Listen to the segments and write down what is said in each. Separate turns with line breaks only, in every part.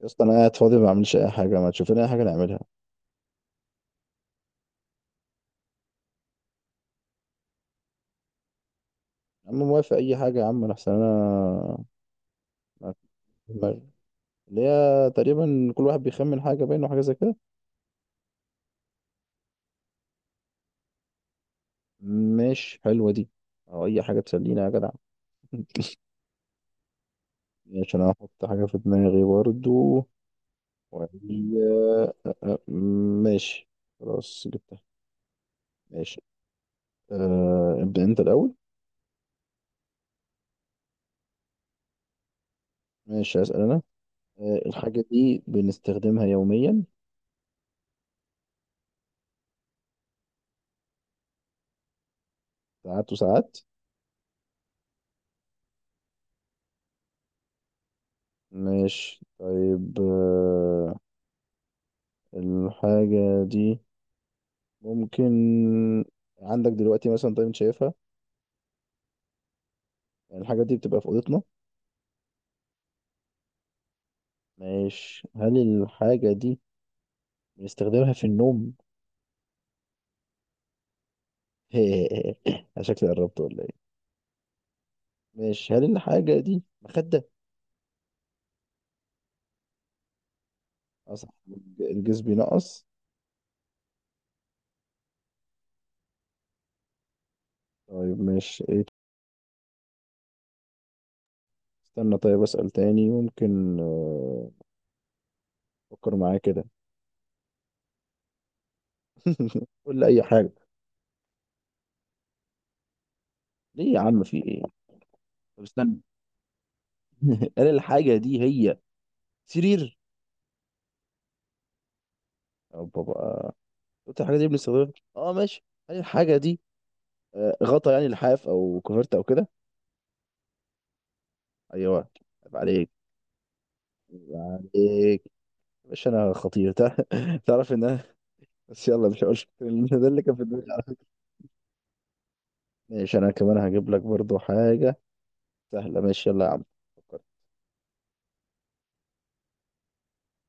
يا اسطى انا قاعد فاضي ما بعملش اي حاجه، ما تشوف لنا اي حاجه نعملها. يا عم موافق اي حاجه يا عم، انا احسن انا ما في دماغي اللي هي تقريبا كل واحد بيخمن حاجه باينه وحاجه زي كده. ماشي حلوه دي، او اي حاجه تسلينا يا جدع. ماشي، انا هحط حاجه في دماغي برضو وهي. ماشي خلاص جبتها. ماشي، ابدا انت الاول. ماشي هسأل انا. الحاجه دي بنستخدمها يوميا؟ ساعات وساعات. ماشي طيب، الحاجة دي ممكن عندك دلوقتي مثلا؟ طيب انت شايفها. يعني الحاجة دي بتبقى في أوضتنا. ماشي، هل الحاجة دي بنستخدمها في النوم؟ أنا شكلي قربت ولا ايه؟ ماشي، هل الحاجة دي مخدة؟ أصح. الجزء بينقص. طيب ماشي ايه، استنى طيب أسأل تاني. ممكن أفكر معايا كده. قول لي أي حاجة. ليه يا عم؟ في ايه؟ طب استنى. هل الحاجة دي هي سرير؟ أو بابا؟ قلت الحاجه دي بنستخدمها ماشي، هل الحاجه دي غطا؟ يعني لحاف او كوفرت او كده. ايوه. عيب عليك. عيب عليك يا باشا، انا خطير. تعرف ان انا بس يلا مش هقول. ده اللي كان في دماغي على فكرة. ماشي، انا كمان هجيب لك برضو حاجه سهله. ماشي يلا يا عم، فكر.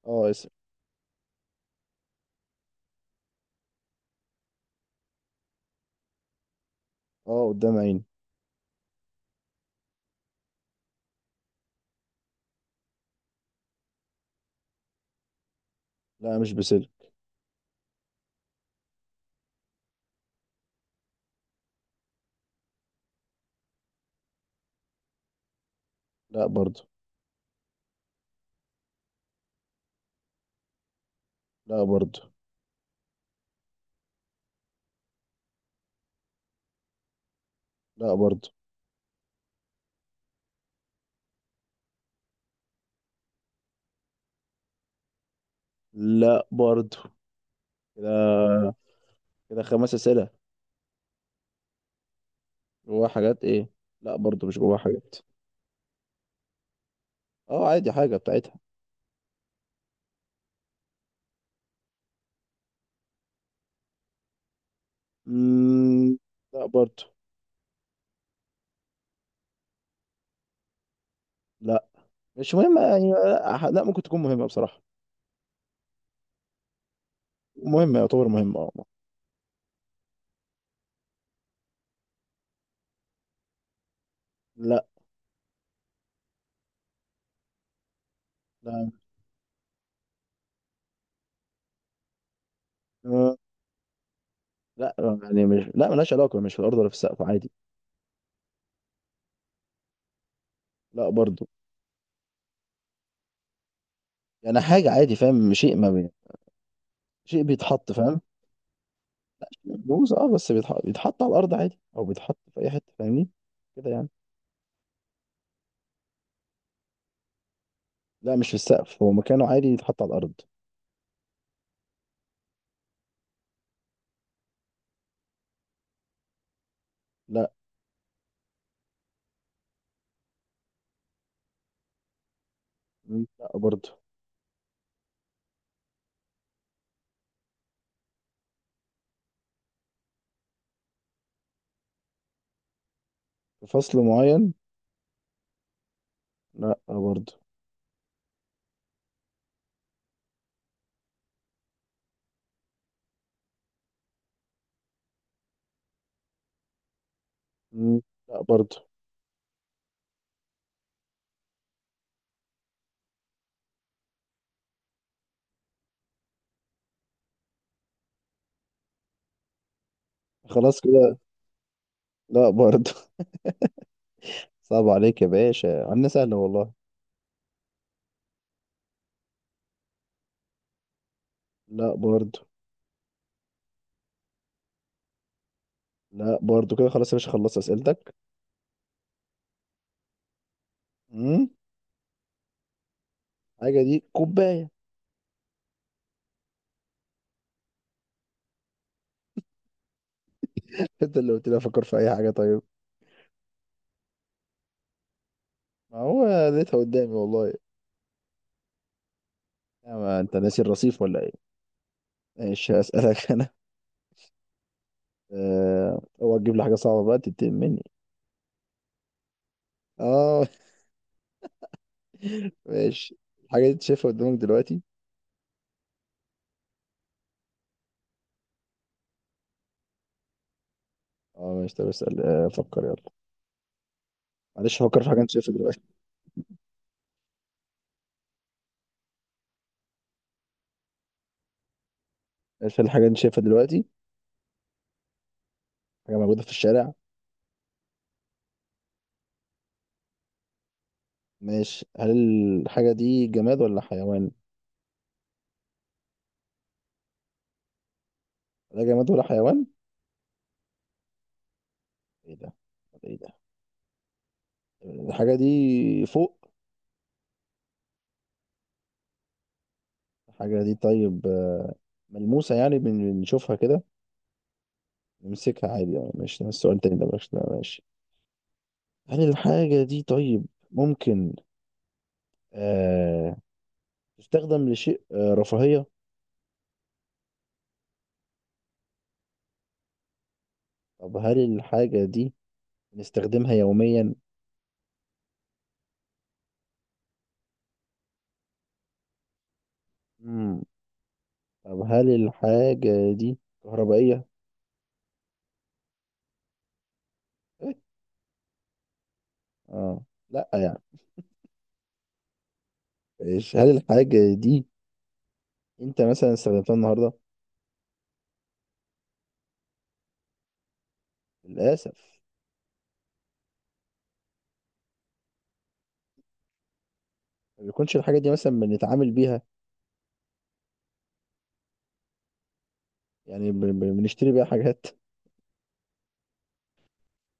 اه، اسم. اه، قدام عيني. لا، مش بسلك. لا برضو. لا برضو. لا برضو. لا برضو كده. كده خمس اسئله. جواها حاجات ايه؟ لا برضو، مش جواها حاجات. اه عادي، حاجه بتاعتها. مم، لا برضه. لا، مش مهمة يعني، لا لا، ممكن تكون مهمة بصراحة. مهمة، يعتبر مهمة اه. لا. لا آه، لا يعني، مش لا ملهاش علاقة، مش في الأرض ولا في السقف عادي. لا برضه. يعني حاجة عادي، فاهم؟ شيء ما بي... شيء بيتحط، فاهم؟ بوز اه بس بيتحط على الأرض عادي، أو بيتحط في أي حتة، فاهمني؟ كده يعني. لا، مش في السقف، هو مكانه عادي يتحط على الأرض. لا. مم، لا برضه. في فصل معين؟ لا برضه. مم، لا برضه. خلاص كده. لا برضه. صعب عليك يا باشا، عندنا سهلة والله. لا برضو. لا برضو كده، خلاص يا باشا خلصت أسئلتك. امم. حاجة دي كوباية. انت اللي قلت لي افكر في اي حاجة طيب. ما هو لقيتها قدامي والله. يا ما انت ناسي الرصيف ولا ايه. ماشي هسألك انا. اوعى تجيب لي حاجة صعبة بقى تتقل مني. اه. ماشي، الحاجة دي انت شايفها قدامك دلوقتي؟ اه ماشي، طب اسأل. فكر يلا. معلش، فكر في حاجة انت شايفها دلوقتي. ماشي، هل الحاجة دي انت شايفها دلوقتي؟ حاجة موجودة في الشارع. ماشي، هل الحاجة دي جماد ولا حيوان؟ لا جماد ولا حيوان. ايه ده؟ طب ايه ده؟ الحاجة دي فوق؟ الحاجة دي طيب ملموسة يعني، بنشوفها كده، نمسكها عادي يعني. ماشي ده السؤال التاني، ده ماشي. هل الحاجة دي طيب ممكن آه تستخدم لشيء رفاهية؟ طب هل الحاجة دي بنستخدمها يوميا؟ مم. طب هل الحاجة دي كهربائية؟ إيه؟ اه، لا يعني. إيش؟ هل الحاجة دي انت مثلا استخدمتها النهاردة؟ للأسف. ما بيكونش الحاجة دي مثلا بنتعامل بيها؟ يعني بنشتري بيها حاجات؟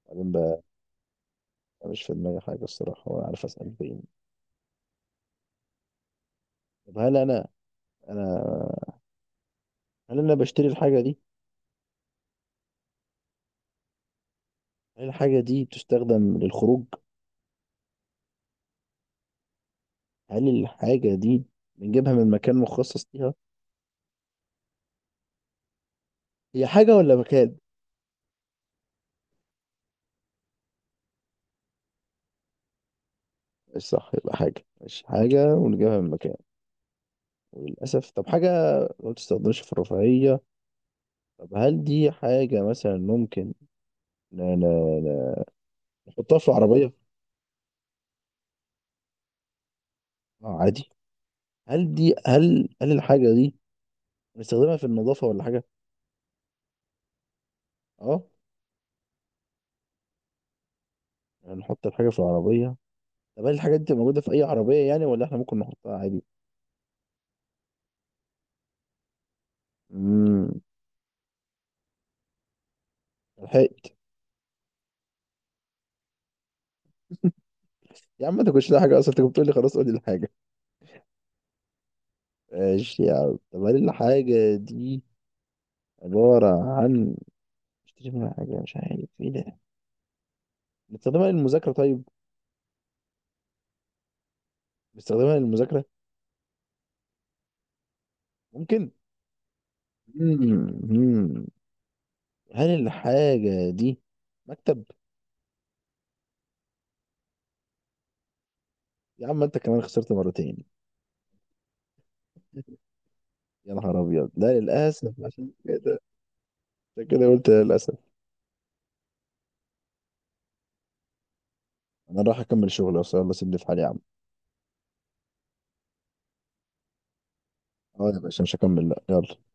بعدين بقى. مش في دماغي حاجة الصراحة، ولا عارف أسأل فين. طب هل أنا، أنا هل أنا بشتري الحاجة دي؟ هل الحاجة دي بتستخدم للخروج؟ هل الحاجة دي بنجيبها من مكان مخصص ليها؟ هي حاجة ولا مكان؟ مش صح، يبقى حاجة، مش حاجة ونجيبها من مكان وللأسف. طب حاجة ما بتستخدمش في الرفاهية. طب هل دي حاجة مثلا ممكن ن- ن- ن- نحطها في العربية؟ اه عادي. هل دي هل هل الحاجة دي بنستخدمها في النظافة ولا حاجة؟ اه، يعني نحط الحاجة في العربية. طب هل الحاجات دي موجودة في أي عربية يعني، ولا احنا ممكن نحطها عادي؟ امم. لحقت. يا عم ما تاكلش لا حاجة أصلا، أنت كنت بتقول لي خلاص قول لي الحاجة. ماشي يا عم، طب هل الحاجة دي عبارة عن اشتري منها حاجة؟ مش عارف ايه ده. بنستخدمها للمذاكرة؟ طيب. بنستخدمها للمذاكرة. ممكن. امم. هل الحاجة دي مكتب؟ يا عم أنت كمان خسرت مرتين. يا نهار أبيض، لا للأسف عشان كده. عشان كده قلت للأسف. انا راح اكمل شغل اصلا، يلا سيبني في حالي يا عم. اه يا باشا، مش هكمل، لا يلا.